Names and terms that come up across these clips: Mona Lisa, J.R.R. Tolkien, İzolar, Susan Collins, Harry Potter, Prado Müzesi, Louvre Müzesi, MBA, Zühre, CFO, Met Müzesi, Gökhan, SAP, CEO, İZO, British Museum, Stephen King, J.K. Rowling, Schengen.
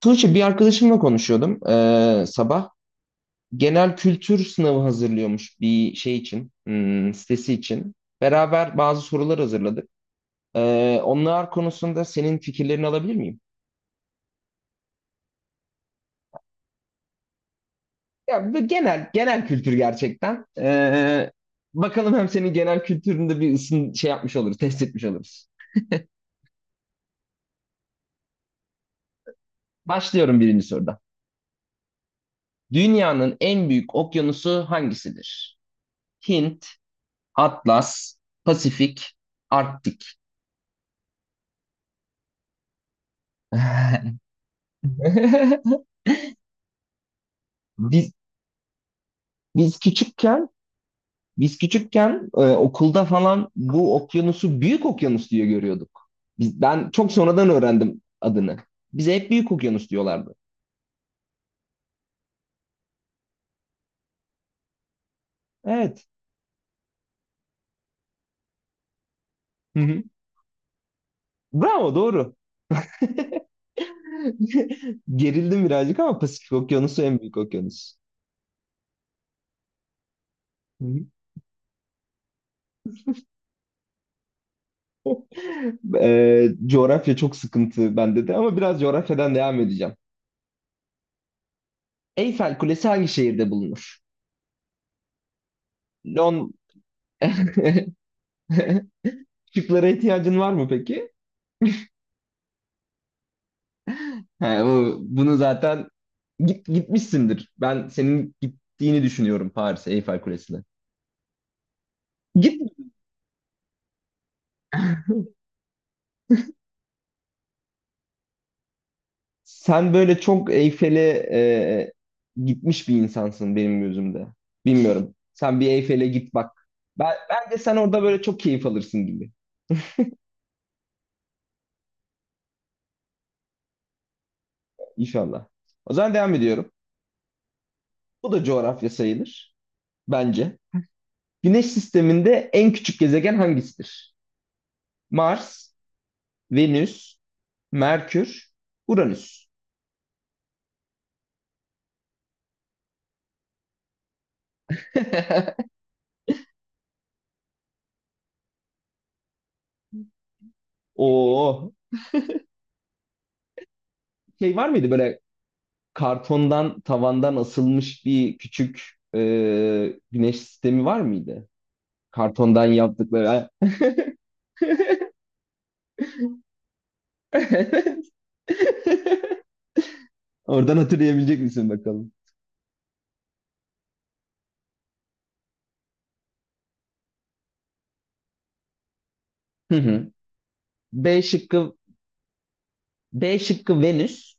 Tuğçe bir arkadaşımla konuşuyordum, sabah. Genel kültür sınavı hazırlıyormuş bir şey için, hmm, sitesi için. Beraber bazı sorular hazırladık. Onlar konusunda senin fikirlerini alabilir miyim? Ya bu genel kültür gerçekten. Bakalım hem senin genel kültüründe bir ısın şey yapmış oluruz, test etmiş oluruz. Başlıyorum birinci soruda. Dünyanın en büyük okyanusu hangisidir? Hint, Atlas, Pasifik, Arktik. Biz biz küçükken okulda falan bu okyanusu büyük okyanus diye görüyorduk. Biz, ben çok sonradan öğrendim adını. Bize hep büyük okyanus diyorlardı. Evet. Hı hı. Bravo, doğru. Gerildim birazcık ama Pasifik Okyanusu en büyük okyanus. Hı hı. Coğrafya çok sıkıntı bende de, ama biraz coğrafyadan devam edeceğim. Eyfel Kulesi hangi şehirde bulunur? Lon... Şıklara ihtiyacın var mı peki? He, o, bunu zaten gitmişsindir. Ben senin gittiğini düşünüyorum Paris'e, Eyfel Kulesi'ne. Git. Sen böyle çok Eyfel'e gitmiş bir insansın benim gözümde. Bilmiyorum. Sen bir Eyfel'e git bak. Bence sen orada böyle çok keyif alırsın gibi. İnşallah. O zaman devam ediyorum. Bu da coğrafya sayılır. Bence. Güneş sisteminde en küçük gezegen hangisidir? Mars, Venüs, Merkür, Uranüs. Oo. Şey var mıydı böyle, kartondan tavandan asılmış bir küçük güneş sistemi var mıydı? Kartondan yaptıkları. Oradan hatırlayabilecek misin bakalım? Hı hı. B şıkkı B şıkkı Venüs,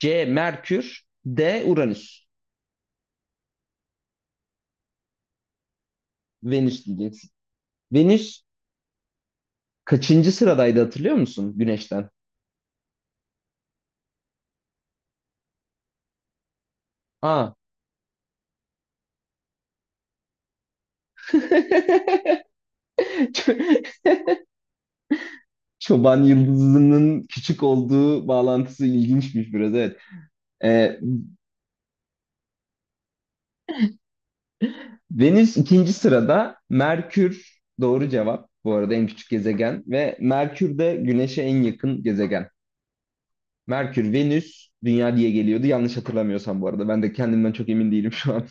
C Merkür, D Uranüs. Venüs diyeceksin. Venüs kaçıncı sıradaydı, hatırlıyor musun Güneş'ten? Aa. Ço- Çoban yıldızının küçük olduğu bağlantısı ilginçmiş biraz, evet. Ee, Venüs ikinci sırada. Merkür doğru cevap. Bu arada en küçük gezegen, ve Merkür de Güneş'e en yakın gezegen. Merkür, Venüs, Dünya diye geliyordu. Yanlış hatırlamıyorsam bu arada. Ben de kendimden çok emin değilim şu an.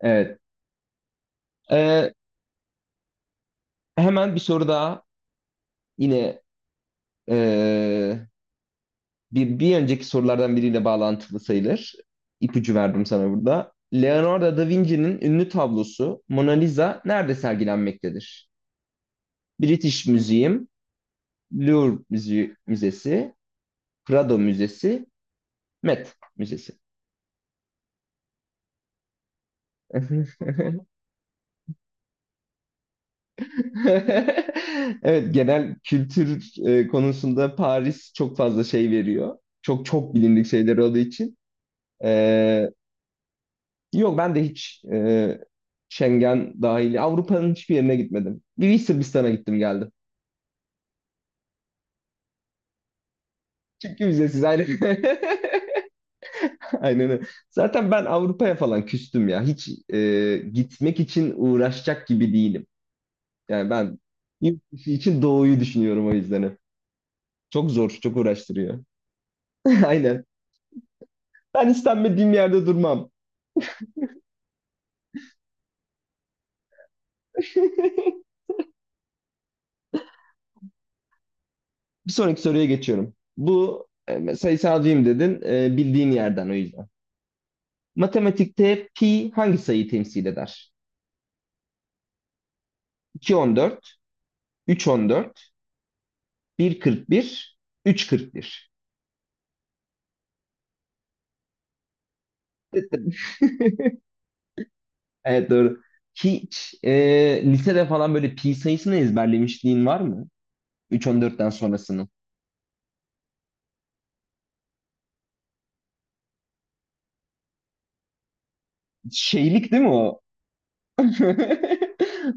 Evet. Ee, Hemen bir soru daha. Yine ee, bir önceki sorulardan biriyle bağlantılı sayılır. İpucu verdim sana burada. Leonardo da Vinci'nin ünlü tablosu Mona Lisa nerede sergilenmektedir? British Museum, Müzesi, Prado Müzesi, Met Müzesi. Evet, genel kültür konusunda Paris çok fazla şey veriyor. Çok çok bilindik şeyler olduğu için. E, Yok, ben de hiç, Schengen dahil Avrupa'nın hiçbir yerine gitmedim. Bir Sırbistan'a gittim geldim. Çünkü vizesiz ayrı. Aynen öyle. Zaten ben Avrupa'ya falan küstüm ya. Hiç gitmek için uğraşacak gibi değilim. Yani ben yurt dışı için doğuyu düşünüyorum o yüzden, hep. Çok zor, çok uğraştırıyor. Aynen. Ben istenmediğim yerde durmam. Bir sonraki soruya geçiyorum. Bu, sayısalcıyım dedin, bildiğin yerden o yüzden. Matematikte pi hangi sayıyı temsil eder? 2.14, 3.14, 1.41, 3.41. Evet, doğru. Hiç lisede falan böyle pi sayısını ezberlemişliğin var mı? 3.14'ten sonrasını. Şeylik değil mi o?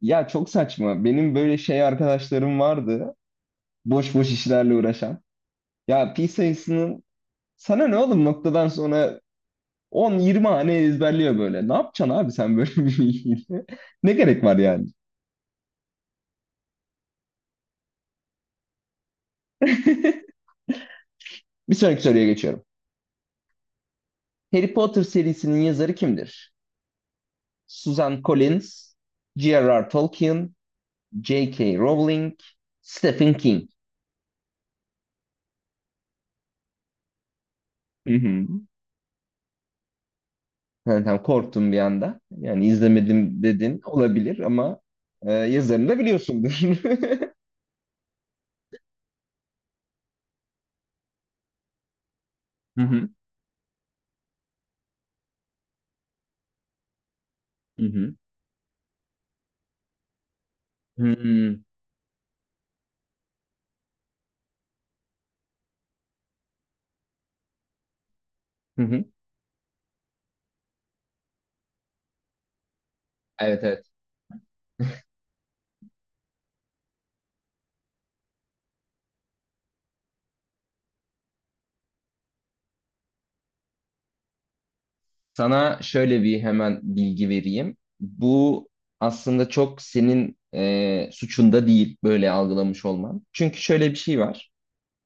Ya çok saçma. Benim böyle şey arkadaşlarım vardı, boş boş işlerle uğraşan. Ya pi sayısının sana ne oğlum, noktadan sonra 10-20 hane ezberliyor böyle. Ne yapacaksın abi sen böyle bir bilgiyle? Ne gerek var yani? Bir sonraki soruya geçiyorum. Harry Potter serisinin yazarı kimdir? Susan Collins, J.R.R. Tolkien, J.K. Rowling, Stephen King. Hı hı. Yani tam korktum bir anda. Yani izlemedim dedin, olabilir, ama yazarını da biliyorsundur. Hı hı. Hı hı. Hı hı. Hı hı. Evet, evet. Sana şöyle bir hemen bilgi vereyim. Bu aslında çok senin suçunda değil böyle algılamış olman. Çünkü şöyle bir şey var.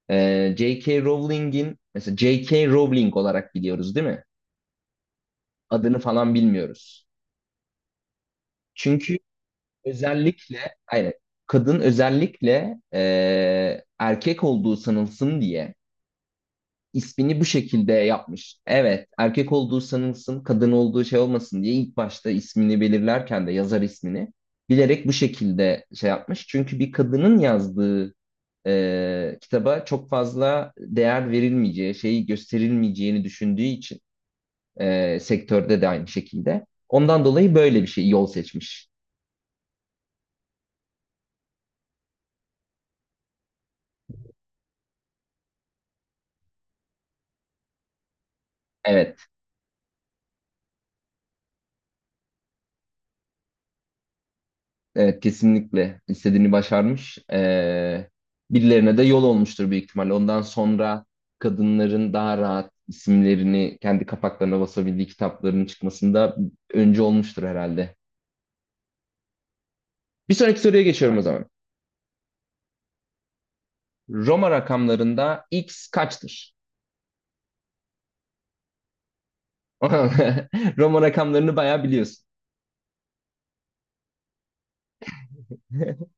J.K. Rowling'in, mesela J.K. Rowling olarak biliyoruz değil mi? Adını falan bilmiyoruz. Çünkü özellikle, aynen, kadın özellikle erkek olduğu sanılsın diye ismini bu şekilde yapmış. Evet, erkek olduğu sanılsın, kadın olduğu şey olmasın diye ilk başta ismini belirlerken de yazar ismini bilerek bu şekilde şey yapmış. Çünkü bir kadının yazdığı kitaba çok fazla değer verilmeyeceği, şeyi gösterilmeyeceğini düşündüğü için, sektörde de aynı şekilde. Ondan dolayı böyle bir şey yol seçmiş. Evet. Evet, kesinlikle istediğini başarmış. Birilerine de yol olmuştur büyük ihtimalle. Ondan sonra kadınların daha rahat isimlerini kendi kapaklarına basabildiği kitapların çıkmasında öncü olmuştur herhalde. Bir sonraki soruya geçiyorum o zaman. Roma rakamlarında x kaçtır? Roma rakamlarını bayağı biliyorsun.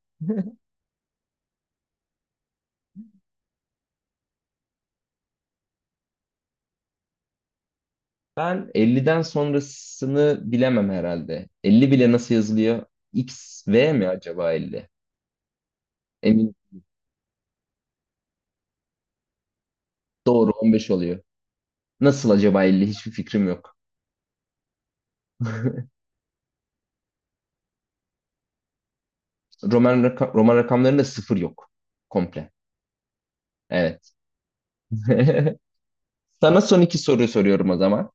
Ben 50'den sonrasını bilemem herhalde. 50 bile nasıl yazılıyor? X, V mi acaba 50? Emin, doğru, 15 oluyor. Nasıl acaba 50? Hiçbir fikrim yok. Roman rakamlarında sıfır yok. Komple. Evet. Sana son iki soruyu soruyorum o zaman.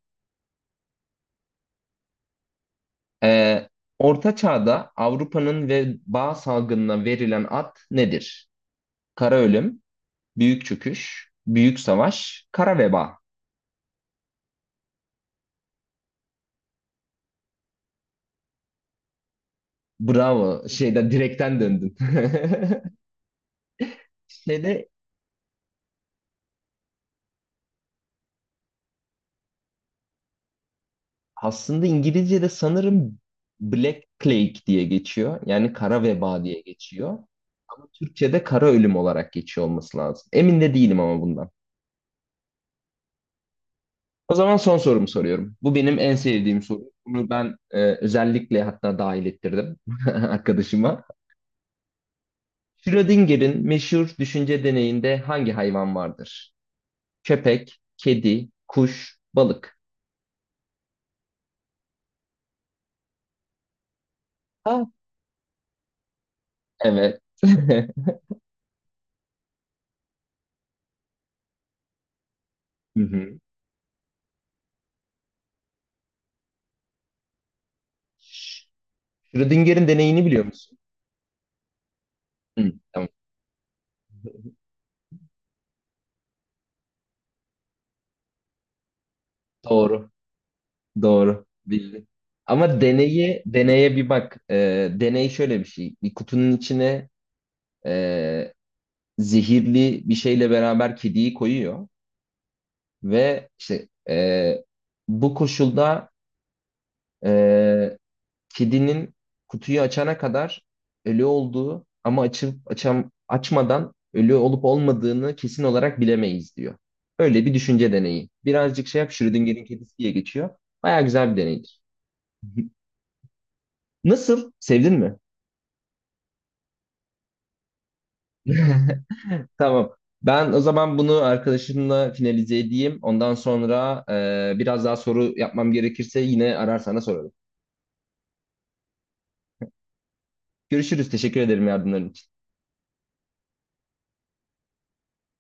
Ee, Orta Çağ'da Avrupa'nın veba salgınına verilen ad nedir? Kara ölüm, büyük çöküş, büyük savaş, kara veba. Bravo. Şeyden direkten döndün. Şeyde Aslında İngilizce'de sanırım Black Plague diye geçiyor. Yani kara veba diye geçiyor. Ama Türkçe'de kara ölüm olarak geçiyor olması lazım. Emin de değilim ama bundan. O zaman son sorumu soruyorum. Bu benim en sevdiğim soru. Bunu ben özellikle, hatta dahil ettirdim arkadaşıma. Schrödinger'in meşhur düşünce deneyinde hangi hayvan vardır? Köpek, kedi, kuş, balık. Ha, evet. Hı hı. Schrödinger'in deneyini biliyor musun? Hı, tamam. Doğru. Doğru. Bildi. Ama deneye bir bak. Deney şöyle bir şey. Bir kutunun içine e, zehirli bir şeyle beraber kediyi koyuyor ve işte, bu koşulda, e, kedinin kutuyu açana kadar ölü olduğu, ama açmadan ölü olup olmadığını kesin olarak bilemeyiz diyor. Öyle bir düşünce deneyi. Birazcık şey yap, Schrödinger'in kedisi diye geçiyor. Baya güzel bir deneydir. Nasıl? Sevdin mi? Tamam. Ben o zaman bunu arkadaşımla finalize edeyim. Ondan sonra biraz daha soru yapmam gerekirse yine arar sana sorarım. Görüşürüz. Teşekkür ederim yardımların için.